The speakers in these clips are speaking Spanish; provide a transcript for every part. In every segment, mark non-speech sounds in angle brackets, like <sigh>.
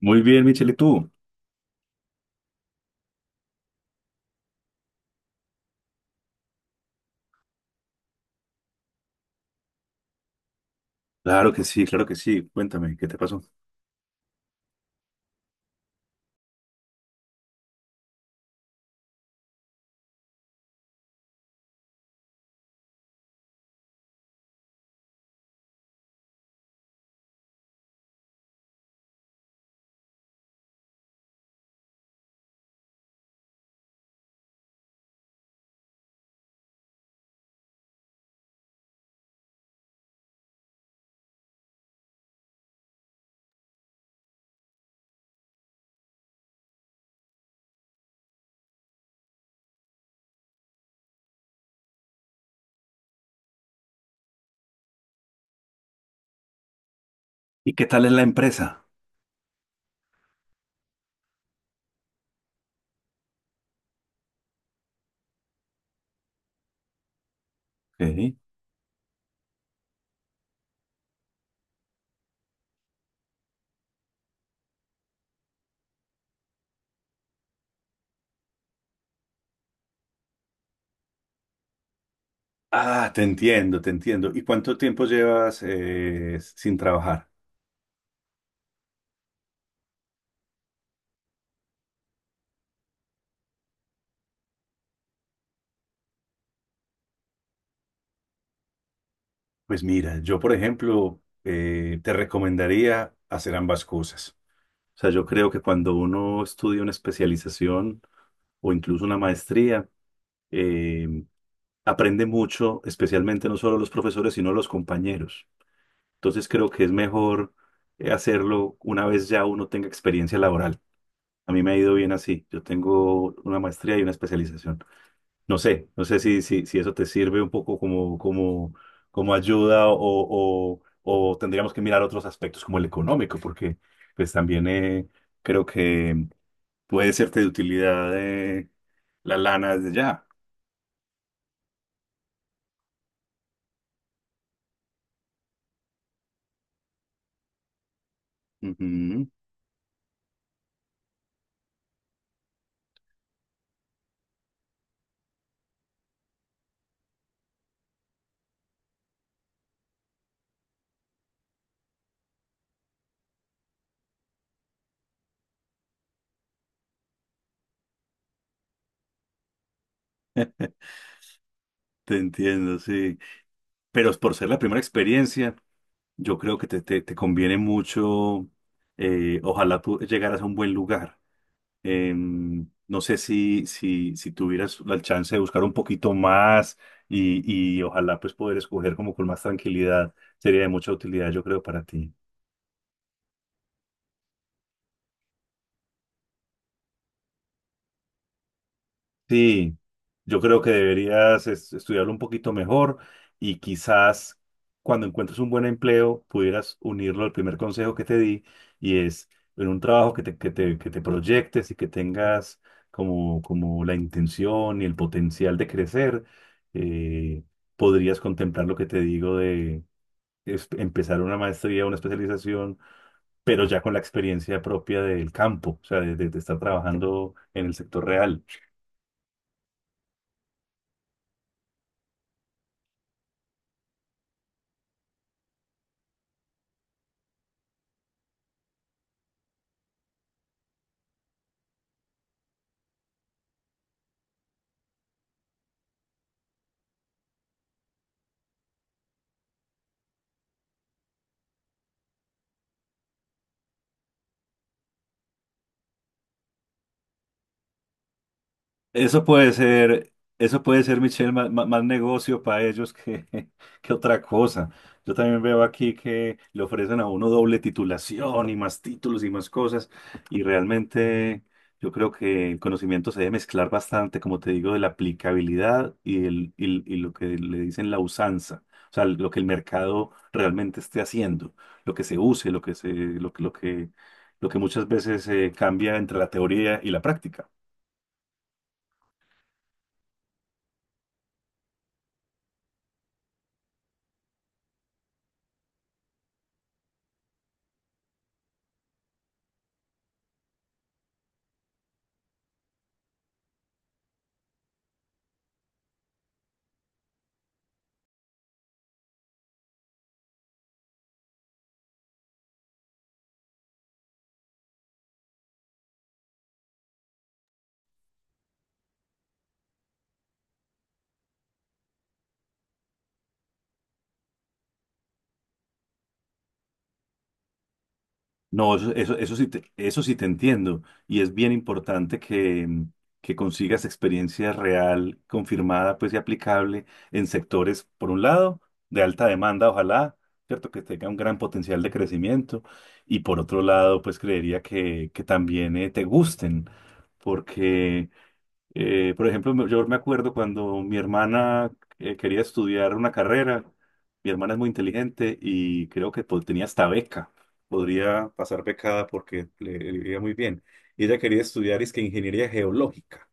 Muy bien, Michelle, ¿y tú? Claro que sí, claro que sí. Cuéntame, ¿qué te pasó? ¿Y qué tal es la empresa? Ok. Ah, te entiendo, te entiendo. ¿Y cuánto tiempo llevas sin trabajar? Pues mira, yo, por ejemplo, te recomendaría hacer ambas cosas. O sea, yo creo que cuando uno estudia una especialización o incluso una maestría, eh, aprende mucho, especialmente no solo los profesores, sino los compañeros. Entonces creo que es mejor hacerlo una vez ya uno tenga experiencia laboral. A mí me ha ido bien así. Yo tengo una maestría y una especialización. No sé, no sé si eso te sirve un poco como, como, como ayuda o tendríamos que mirar otros aspectos como el económico, porque pues también creo que puede serte de utilidad la lana desde ya. Ujú, te entiendo, sí. Pero por ser la primera experiencia. Yo creo que te conviene mucho, ojalá tú llegaras a un buen lugar. No sé si tuvieras la chance de buscar un poquito más y, y ojalá pues poder escoger como con más tranquilidad, sería de mucha utilidad yo creo para ti. Sí, yo creo que deberías estudiarlo un poquito mejor y quizás cuando encuentres un buen empleo pudieras unirlo al primer consejo que te di y es en un trabajo que te proyectes y que tengas como, como la intención y el potencial de crecer, eh, podrías contemplar lo que te digo de empezar una maestría, una especialización, pero ya con la experiencia propia del campo, o sea, de, de estar trabajando en el sector real. Eso puede ser, eso puede ser, Michelle, más, más negocio para ellos que, <laughs> que otra cosa. Yo también veo aquí que le ofrecen a uno doble titulación y más títulos y más cosas. Y realmente yo creo que el conocimiento se debe mezclar bastante, como te digo, de la aplicabilidad y, el, y lo que le dicen la usanza. O sea, lo que el mercado realmente esté haciendo, lo que se use, lo que se, lo, que, lo que lo que muchas veces cambia entre la teoría y la práctica. No, eso, eso sí te entiendo. Y es bien importante que, que consigas experiencia real, confirmada, pues y aplicable en sectores, por un lado, de alta demanda, ojalá, ¿cierto? Que tenga un gran potencial de crecimiento. Y por otro lado, pues creería que también te gusten, porque por ejemplo, yo me acuerdo cuando mi hermana quería estudiar una carrera, mi hermana es muy inteligente y creo que pues, tenía hasta beca, podría pasar becada porque le iba muy bien. Y ella quería estudiar es que ingeniería geológica.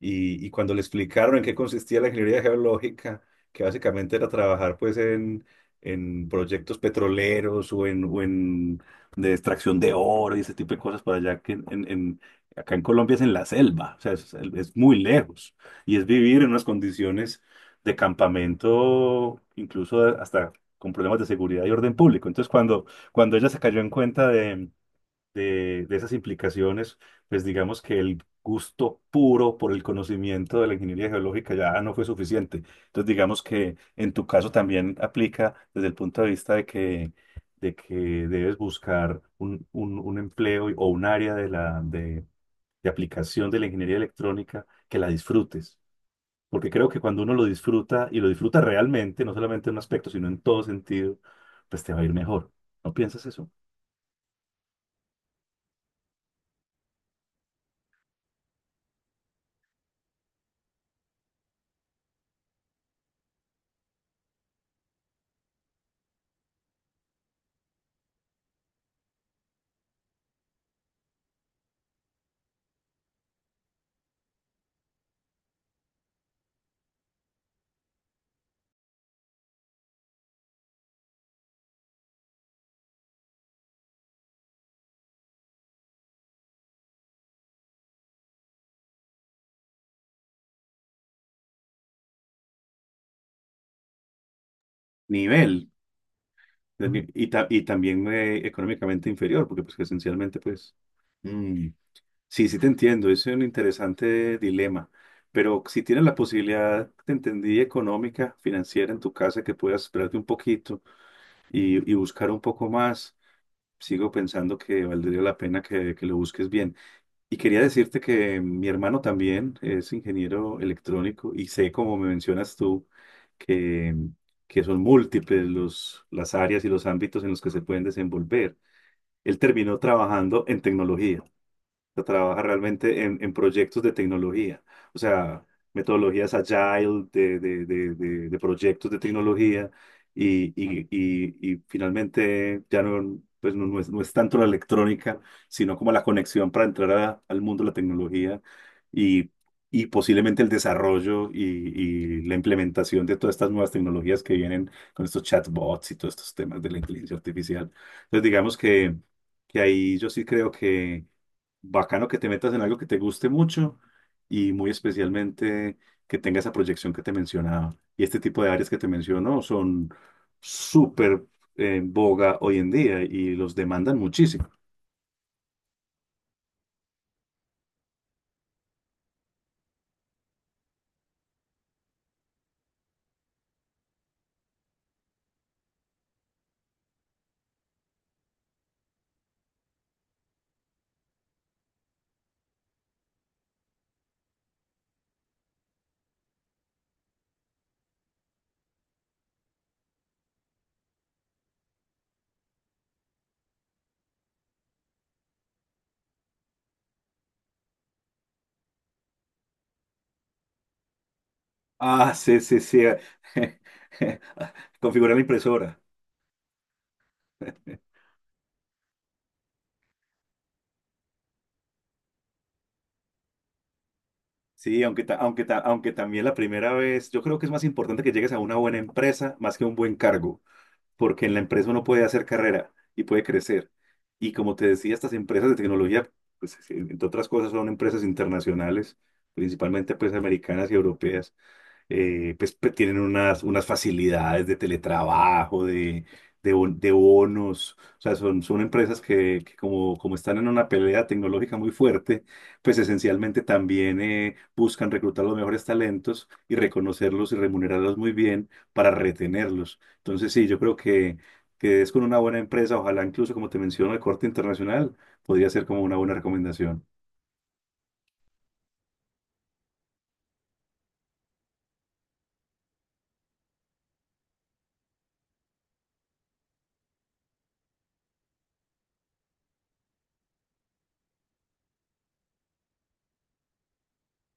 Y cuando le explicaron en qué consistía la ingeniería geológica, que básicamente era trabajar pues en proyectos petroleros o en de extracción de oro y ese tipo de cosas para allá que en, acá en Colombia es en la selva, o sea, es muy lejos y es vivir en unas condiciones de campamento, incluso hasta con problemas de seguridad y orden público. Entonces, cuando, cuando ella se cayó en cuenta de esas implicaciones, pues digamos que el gusto puro por el conocimiento de la ingeniería geológica ya no fue suficiente. Entonces digamos que en tu caso también aplica desde el punto de vista de que debes buscar un, un empleo o un área de la, de aplicación de la ingeniería electrónica que la disfrutes. Porque creo que cuando uno lo disfruta y lo disfruta realmente, no solamente en un aspecto, sino en todo sentido, pues te va a ir mejor. ¿No piensas eso? Nivel. Ujú. Y, y también económicamente inferior, porque pues que esencialmente pues... mm, sí, sí te entiendo, es un interesante dilema, pero si tienes la posibilidad, te entendí, económica, financiera en tu casa, que puedas esperarte un poquito y buscar un poco más, sigo pensando que valdría la pena que lo busques bien. Y quería decirte que mi hermano también es ingeniero electrónico y sé, como me mencionas tú, que, que son múltiples los, las áreas y los ámbitos en los que se pueden desenvolver. Él terminó trabajando en tecnología sea, trabaja realmente en proyectos de tecnología, o sea, metodologías agile de proyectos de tecnología y finalmente ya no, pues no, no es, no es tanto la electrónica, sino como la conexión para entrar al mundo de la tecnología y, y posiblemente el desarrollo y la implementación de todas estas nuevas tecnologías que vienen con estos chatbots y todos estos temas de la inteligencia artificial. Entonces, digamos que ahí yo sí creo que bacano que te metas en algo que te guste mucho y muy especialmente que tenga esa proyección que te mencionaba. Y este tipo de áreas que te menciono son súper en boga hoy en día y los demandan muchísimo. Ah, sí, sí, sí. <laughs> Configurar la impresora. <laughs> Sí, aunque, aunque, aunque también la primera vez, yo creo que es más importante que llegues a una buena empresa más que a un buen cargo. Porque en la empresa uno puede hacer carrera y puede crecer. Y como te decía, estas empresas de tecnología, pues, entre otras cosas, son empresas internacionales, principalmente pues americanas y europeas pues tienen unas, unas facilidades de teletrabajo, de, de bonos, o sea, son, son empresas que como, como están en una pelea tecnológica muy fuerte, pues esencialmente también buscan reclutar los mejores talentos y reconocerlos y remunerarlos muy bien para retenerlos. Entonces, sí, yo creo que es con una buena empresa, ojalá incluso, como te menciono, el corte internacional, podría ser como una buena recomendación.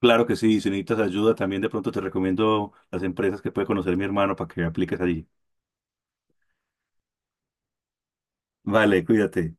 Claro que sí, si necesitas ayuda, también de pronto te recomiendo las empresas que puede conocer mi hermano para que apliques allí. Vale, cuídate.